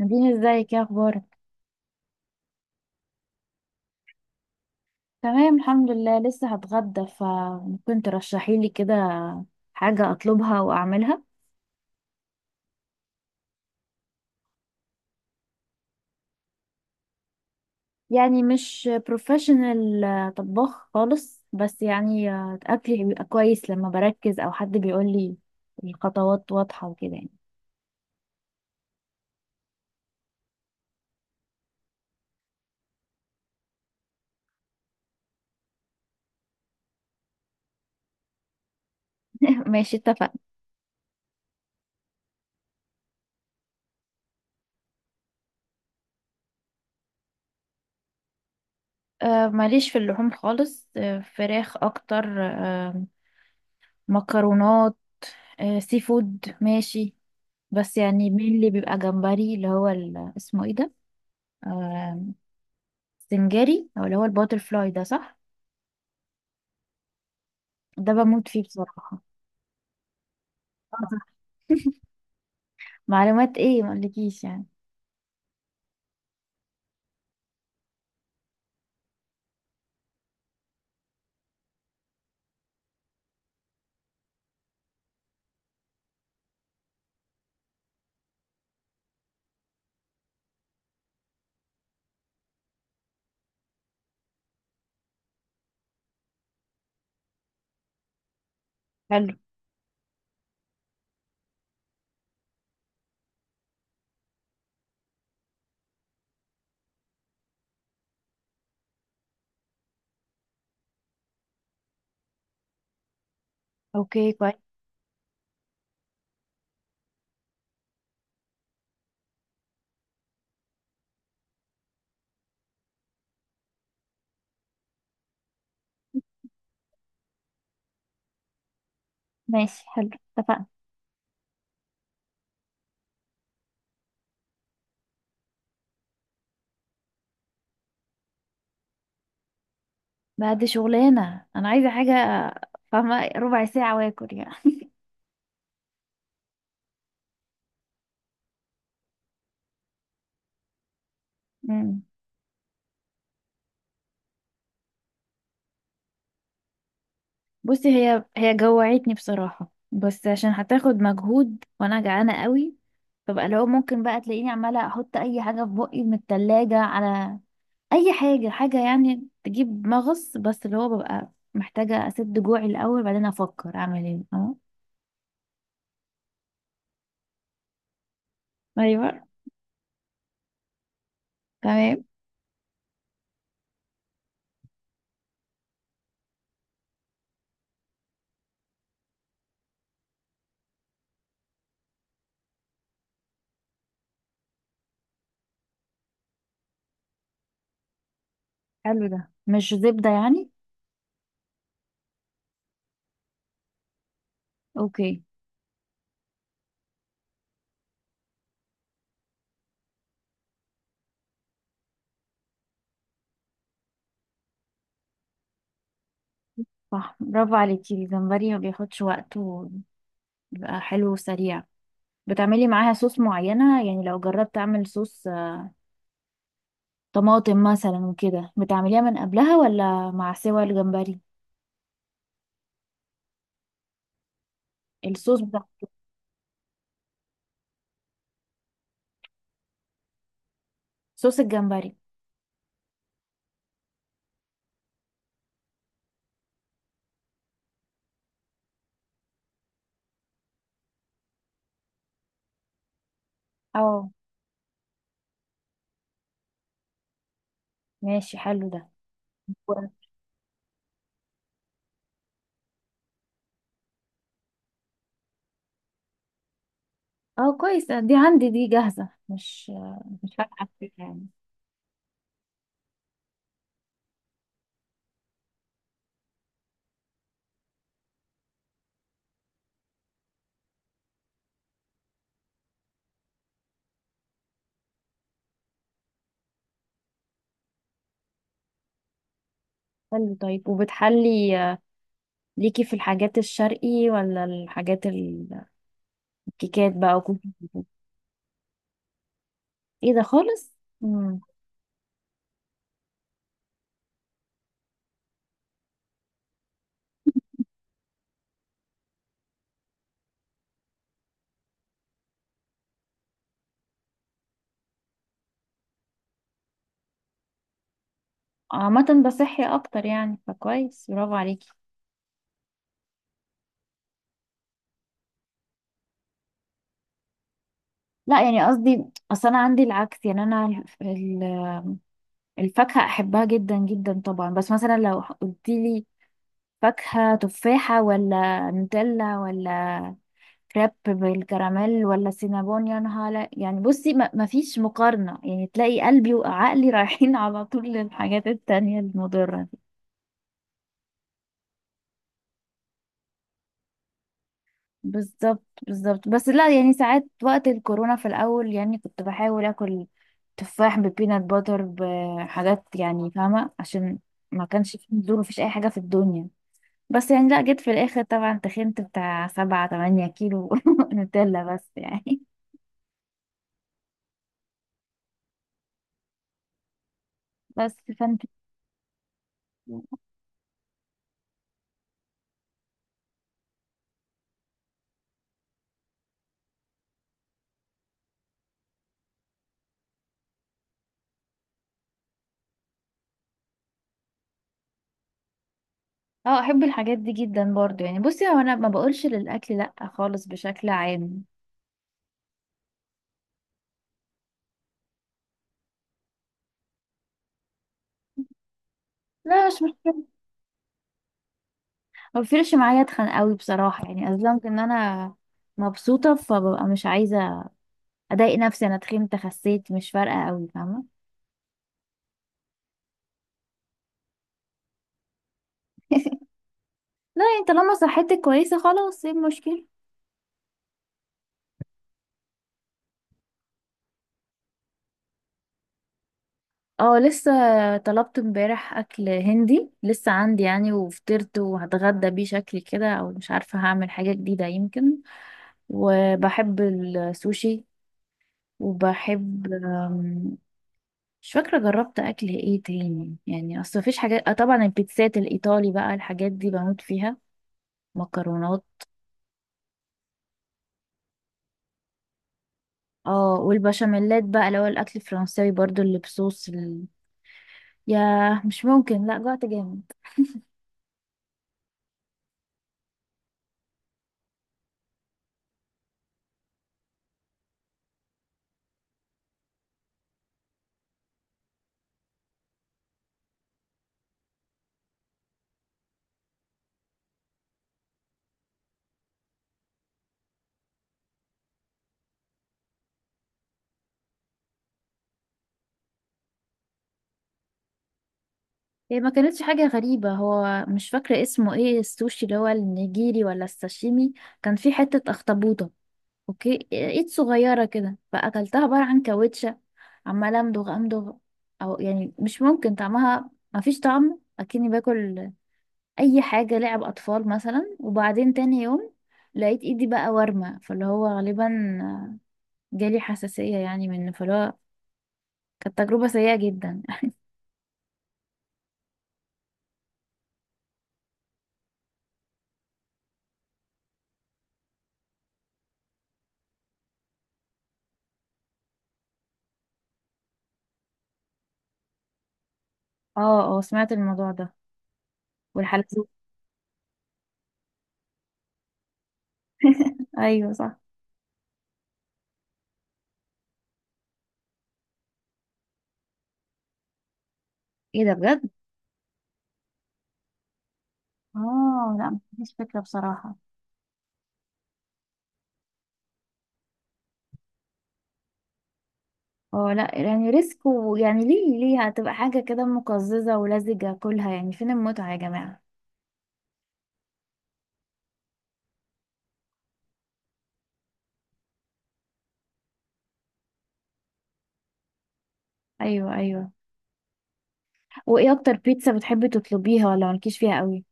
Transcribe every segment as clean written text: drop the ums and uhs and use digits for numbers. نادين، ازيك؟ يا اخبارك؟ تمام، الحمد لله. لسه هتغدى، فممكن ترشحي لي كده حاجة اطلبها واعملها؟ يعني مش بروفيشنال طباخ خالص، بس يعني اكلي بيبقى كويس لما بركز او حد بيقول لي الخطوات واضحة وكده يعني. ماشي، اتفقنا. ماليش في اللحوم خالص، فراخ اكتر، مكرونات، سي فود ماشي. بس يعني مين اللي بيبقى جمبري، اللي هو اسمه ايه ده، آه، سنجاري، او اللي هو الباتر فلاي ده، صح؟ ده بموت فيه بصراحة. آه، صح. معلومات ايه ما اقولكيش يعني. حلو. اوكي، كويس. ماشي، حلو، اتفقنا. بعد شغلانة انا عايزة حاجة فاهمة، ربع ساعة واكل يعني. مم. بصي، هي جوعتني بصراحة، بس عشان هتاخد مجهود وانا جعانة قوي. فبقى لو ممكن بقى تلاقيني عمالة احط اي حاجة في بقي من التلاجة على اي حاجه حاجه يعني تجيب مغص، بس اللي هو ببقى محتاجه اسد جوعي الاول، بعدين افكر اعمل ايه. اه. ايوه. تمام. حلو، ده مش زبده يعني؟ اوكي. صح، برافو عليكي. الجمبري ما بياخدش وقت وبيبقى حلو وسريع. بتعملي معاها صوص معينه؟ يعني لو جربت اعمل صوص طماطم مثلا وكده، بتعمليها من قبلها ولا مع سوى الجمبري؟ الصوص بتاع. صوص الجمبري. اه. ماشي، حلو ده. اه، كويس، دي عندي، دي جاهزة مش. مش فاتحة فيها يعني. حلو، طيب، وبتحلي ليكي في الحاجات الشرقي ولا الحاجات الكيكات بقى وكوكيز وكده؟ ايه ده خالص! امم. عامة بصحي اكتر يعني، فكويس، برافو عليكي. لا يعني قصدي، اصل انا عندي العكس يعني، انا ال- الفاكهة احبها جدا جدا طبعا. بس مثلا لو قلتيلي فاكهة تفاحة ولا نوتيلا ولا كريب بالكراميل ولا سينابون يا نهار يعني بصي ما فيش مقارنة، يعني تلاقي قلبي وعقلي رايحين على طول للحاجات التانية المضرة دي. بالظبط، بالظبط، بس لا يعني ساعات وقت الكورونا في الأول يعني كنت بحاول آكل تفاح ببينات باتر بحاجات، يعني فاهمة، عشان ما كانش في نزول ومفيش أي حاجة في الدنيا. بس يعني، لا جيت في الآخر طبعا تخنت بتاع 7 8 كيلو نوتيلا بس يعني. بس فانت. اه، احب الحاجات دي جدا برضو يعني، بصي هو انا ما بقولش للاكل لا خالص بشكل عام. لا، مش مشكله. ما بيفرقش معايا اتخن قوي بصراحه يعني، اصلا ان انا مبسوطه، فببقى مش عايزه اضايق نفسي، انا تخنت خسيت مش فارقه قوي فاهمه. لا يعني، طالما صحتك كويسه خلاص، ايه المشكله؟ اه، لسه طلبت امبارح اكل هندي لسه عندي يعني، وفطرت وهتغدى بيه شكلي كده، او مش عارفه هعمل حاجه جديده يمكن. وبحب السوشي. وبحب. مش فاكرة جربت أكل إيه تاني يعني، أصل مفيش حاجات، طبعا البيتزات الإيطالي بقى الحاجات دي بموت فيها. مكرونات. اه، والبشاميلات بقى اللي هو الأكل الفرنساوي برضو اللي بصوص ياه، مش ممكن، لأ جوعت جامد. هي ما كانتش حاجة غريبة، هو مش فاكرة اسمه ايه، السوشي اللي هو النيجيري ولا الساشيمي. كان فيه حتة أخطبوطة. اوكي، ايد صغيرة كده، فاكلتها عبارة عن كاوتشة. عمالة امضغ امضغ. او يعني مش ممكن طعمها، مفيش طعم، اكني باكل اي حاجة لعب اطفال مثلا. وبعدين تاني يوم لقيت ايدي بقى ورمة، فاللي هو غالبا جالي حساسية يعني منه، فاللي هو كانت تجربة سيئة جدا. اه، اه، سمعت الموضوع ده. والحلزون. ايوه، صح. ايه ده بجد؟ اه، لا مفيش فكرة بصراحة. اه، لا يعني ريسك، ويعني ليه هتبقى حاجة كده مقززة ولزجة كلها، يعني فين المتعة يا جماعة. ايوه، ايوه. وايه اكتر بيتزا بتحبي تطلبيها، ولا مالكيش فيها قوي؟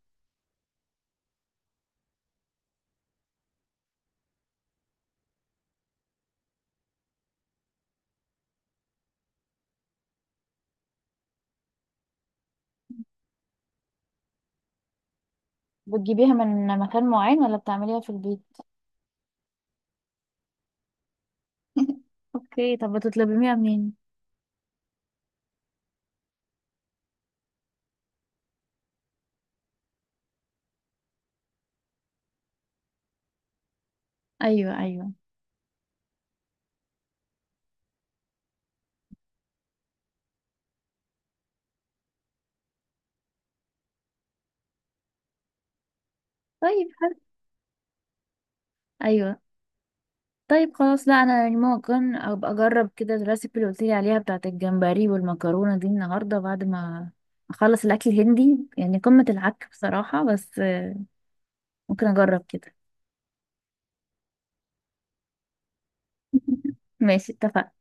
بتجيبيها من مكان معين ولا بتعمليها في البيت؟ اوكي، طب بتطلبيها منين؟ ايوه، ايوه، طيب حلو. ايوه، طيب خلاص. لا انا يعني ممكن ابقى اجرب كده الريسيبي اللي قلتيلي عليها بتاعت الجمبري والمكرونة دي النهاردة بعد ما اخلص الاكل الهندي، يعني قمة العك بصراحة، بس ممكن اجرب كده. ماشي، اتفقنا.